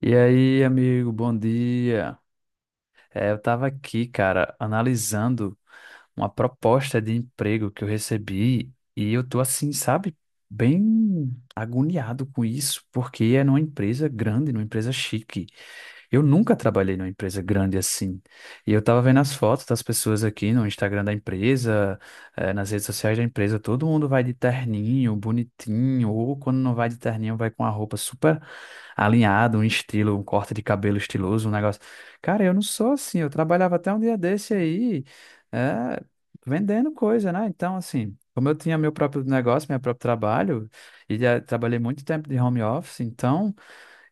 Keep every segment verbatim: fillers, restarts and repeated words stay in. E aí, amigo, bom dia. É, eu estava aqui, cara, analisando uma proposta de emprego que eu recebi e eu tô assim, sabe, bem agoniado com isso, porque é numa empresa grande, numa empresa chique. Eu nunca trabalhei numa empresa grande assim. E eu tava vendo as fotos das pessoas aqui no Instagram da empresa, eh, nas redes sociais da empresa, todo mundo vai de terninho, bonitinho, ou quando não vai de terninho, vai com a roupa super alinhada, um estilo, um corte de cabelo estiloso, um negócio. Cara, eu não sou assim, eu trabalhava até um dia desse aí, eh, vendendo coisa, né? Então, assim, como eu tinha meu próprio negócio, meu próprio trabalho, e já trabalhei muito tempo de home office, então.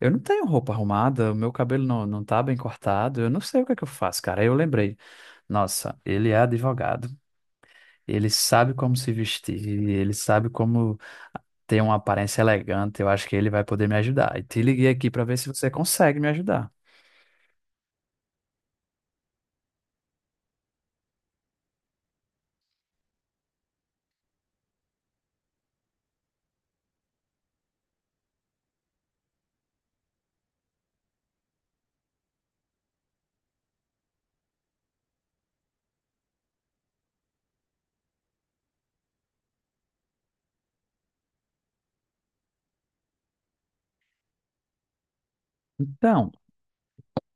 Eu não tenho roupa arrumada, o meu cabelo não, não tá bem cortado, eu não sei o que é que eu faço, cara. Aí eu lembrei, nossa, ele é advogado, ele sabe como se vestir, ele sabe como ter uma aparência elegante, eu acho que ele vai poder me ajudar. E te liguei aqui para ver se você consegue me ajudar. Então,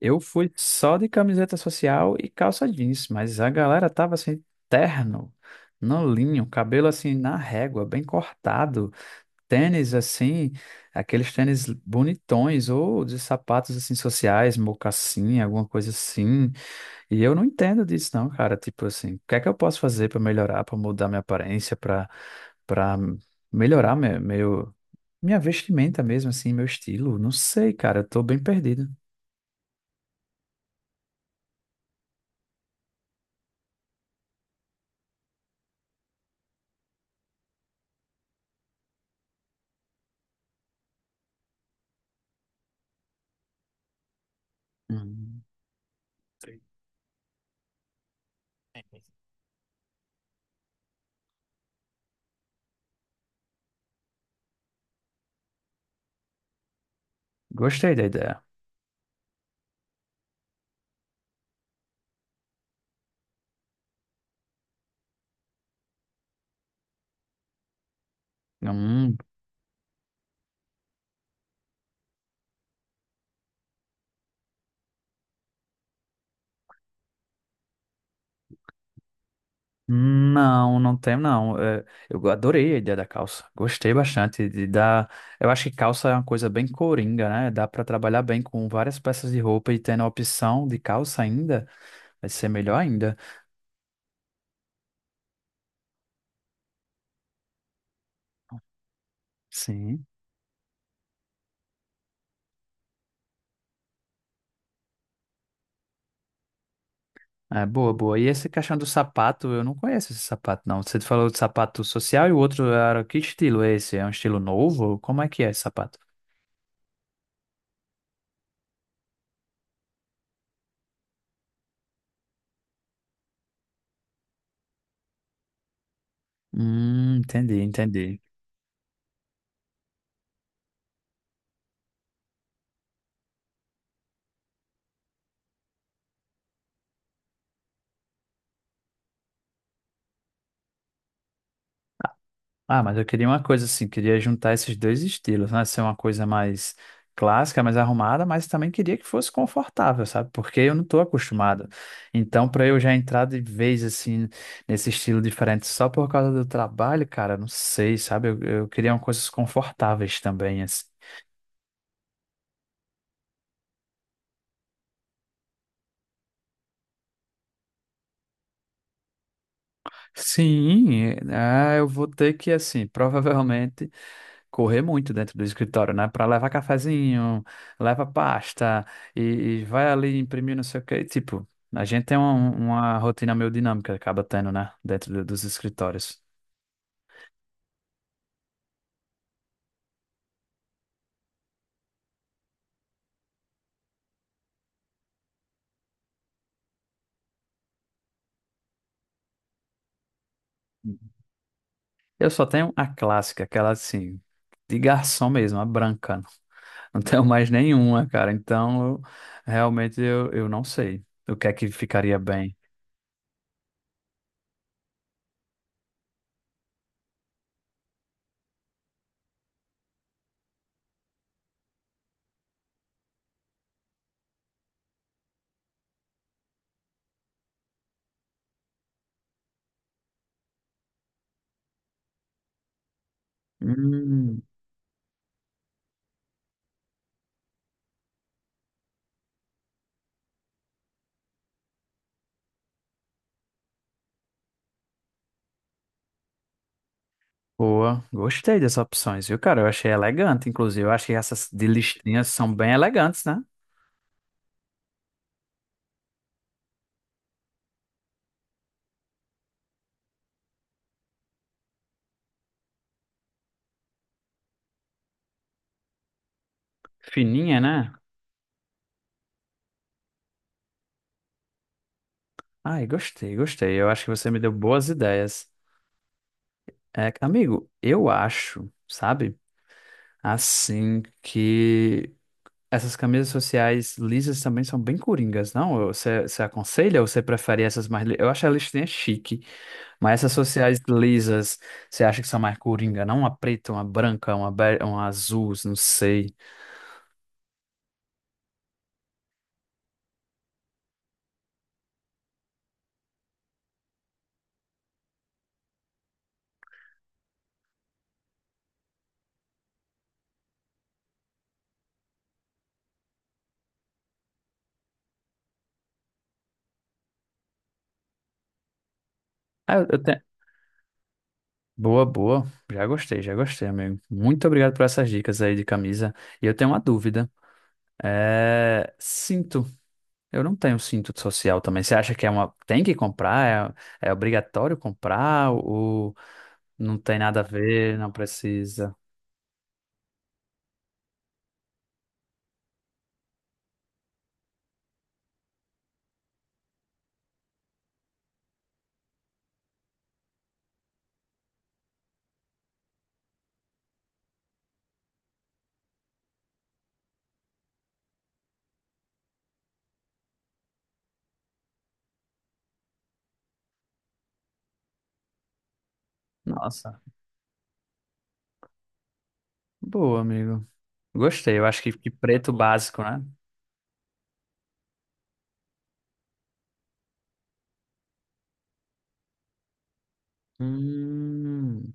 eu fui só de camiseta social e calça jeans, mas a galera tava assim, terno, no linho, cabelo assim na régua, bem cortado. Tênis assim, aqueles tênis bonitões, ou de sapatos assim sociais, mocassim, alguma coisa assim. E eu não entendo disso, não, cara. Tipo assim, o que é que eu posso fazer para melhorar, para mudar minha aparência, para para melhorar meu, meu- minha vestimenta mesmo, assim, meu estilo? Não sei, cara. Eu tô bem perdido. Hum. Gostei da ideia. Hum. Não, não tem, não. É, eu adorei a ideia da calça. Gostei bastante de dar. Eu acho que calça é uma coisa bem coringa, né? Dá para trabalhar bem com várias peças de roupa e tendo a opção de calça ainda, vai ser melhor ainda. Sim. É boa, boa. E esse caixão do sapato, eu não conheço esse sapato, não. Você falou de sapato social e o outro era que estilo é esse? É um estilo novo? Como é que é esse sapato? Hum, entendi, entendi. Ah, mas eu queria uma coisa assim, queria juntar esses dois estilos, né? Ser uma coisa mais clássica, mais arrumada, mas também queria que fosse confortável, sabe? Porque eu não estou acostumado. Então, para eu já entrar de vez assim nesse estilo diferente só por causa do trabalho, cara, não sei, sabe? Eu, eu queria uma coisas confortáveis também, assim. Sim, é, eu vou ter que, assim, provavelmente correr muito dentro do escritório, né? Para levar cafezinho, leva pasta e, e vai ali imprimir não sei o quê. Tipo, a gente tem uma, uma rotina meio dinâmica, acaba tendo, né? Dentro do- dos escritórios. Eu só tenho a clássica, aquela assim, de garçom mesmo, a branca. Não tenho mais nenhuma, cara. Então, eu- realmente eu, eu não sei o que é que ficaria bem. Hum, boa. Gostei das opções, viu, cara? Eu achei elegante, inclusive. Eu achei essas de listinhas são bem elegantes, né? Fininha, né? Ai, gostei, gostei. Eu acho que você me deu boas ideias. É, amigo, eu acho, sabe? Assim que essas camisas sociais lisas também são bem coringas, não? Você, você aconselha ou você prefere essas mais... li- Eu acho a listinha chique, mas essas sociais lisas, você acha que são mais coringa, não? Uma preta, uma branca, uma, be- uma azul, não sei. Ah, eu, eu tenho... Boa, boa. Já gostei, já gostei, amigo. Muito obrigado por essas dicas aí de camisa. E eu tenho uma dúvida. É, cinto. Eu não tenho cinto social também. Você acha que é uma. Tem que comprar? É, é obrigatório comprar? Ou não tem nada a ver? Não precisa? Nossa, boa, amigo. Gostei. Eu acho que, que preto básico, né? Hum,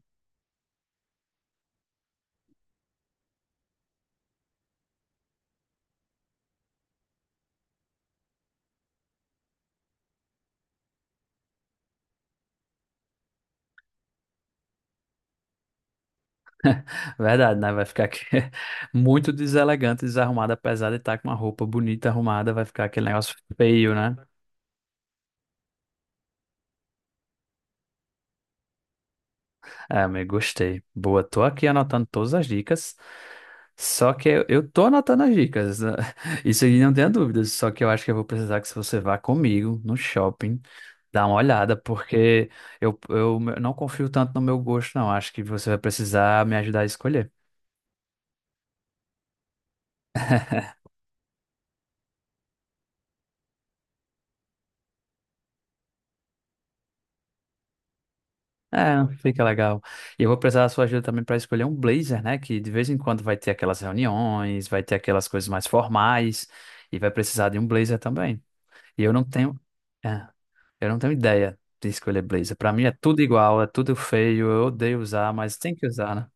verdade, né? Vai ficar aqui muito deselegante, desarrumado, apesar de estar com uma roupa bonita arrumada, vai ficar aquele negócio feio, né? Ah, amigo, gostei. Boa, tô aqui anotando todas as dicas. Só que eu eu tô anotando as dicas, né? Isso aí não tenha dúvidas. Só que eu acho que eu vou precisar que você vá comigo no shopping, dar uma olhada, porque eu, eu não confio tanto no meu gosto, não. Acho que você vai precisar me ajudar a escolher. É, fica legal. E eu vou precisar da sua ajuda também para escolher um blazer, né? Que de vez em quando vai ter aquelas reuniões, vai ter aquelas coisas mais formais, e vai precisar de um blazer também. E eu não tenho. É. Eu não tenho ideia de escolher blazer. Pra mim é tudo igual, é tudo feio, eu odeio usar, mas tem que usar, né?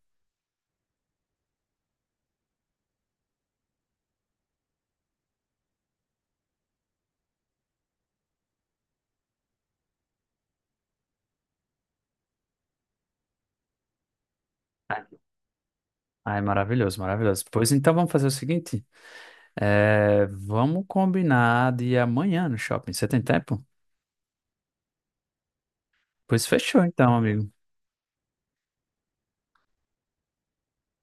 Ah, é maravilhoso, maravilhoso. Pois então vamos fazer o seguinte, é, vamos combinar de ir amanhã no shopping. Você tem tempo? Pois fechou então, amigo.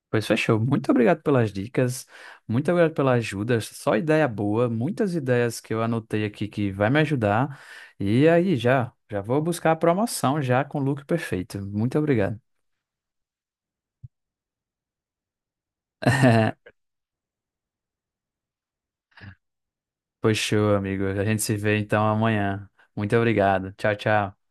Pois fechou. Muito obrigado pelas dicas, muito obrigado pela ajuda. Só ideia boa, muitas ideias que eu anotei aqui que vai me ajudar. E aí já, já vou buscar a promoção já com o look perfeito. Muito obrigado. Pois amigo. A gente se vê então amanhã. Muito obrigado. Tchau, tchau.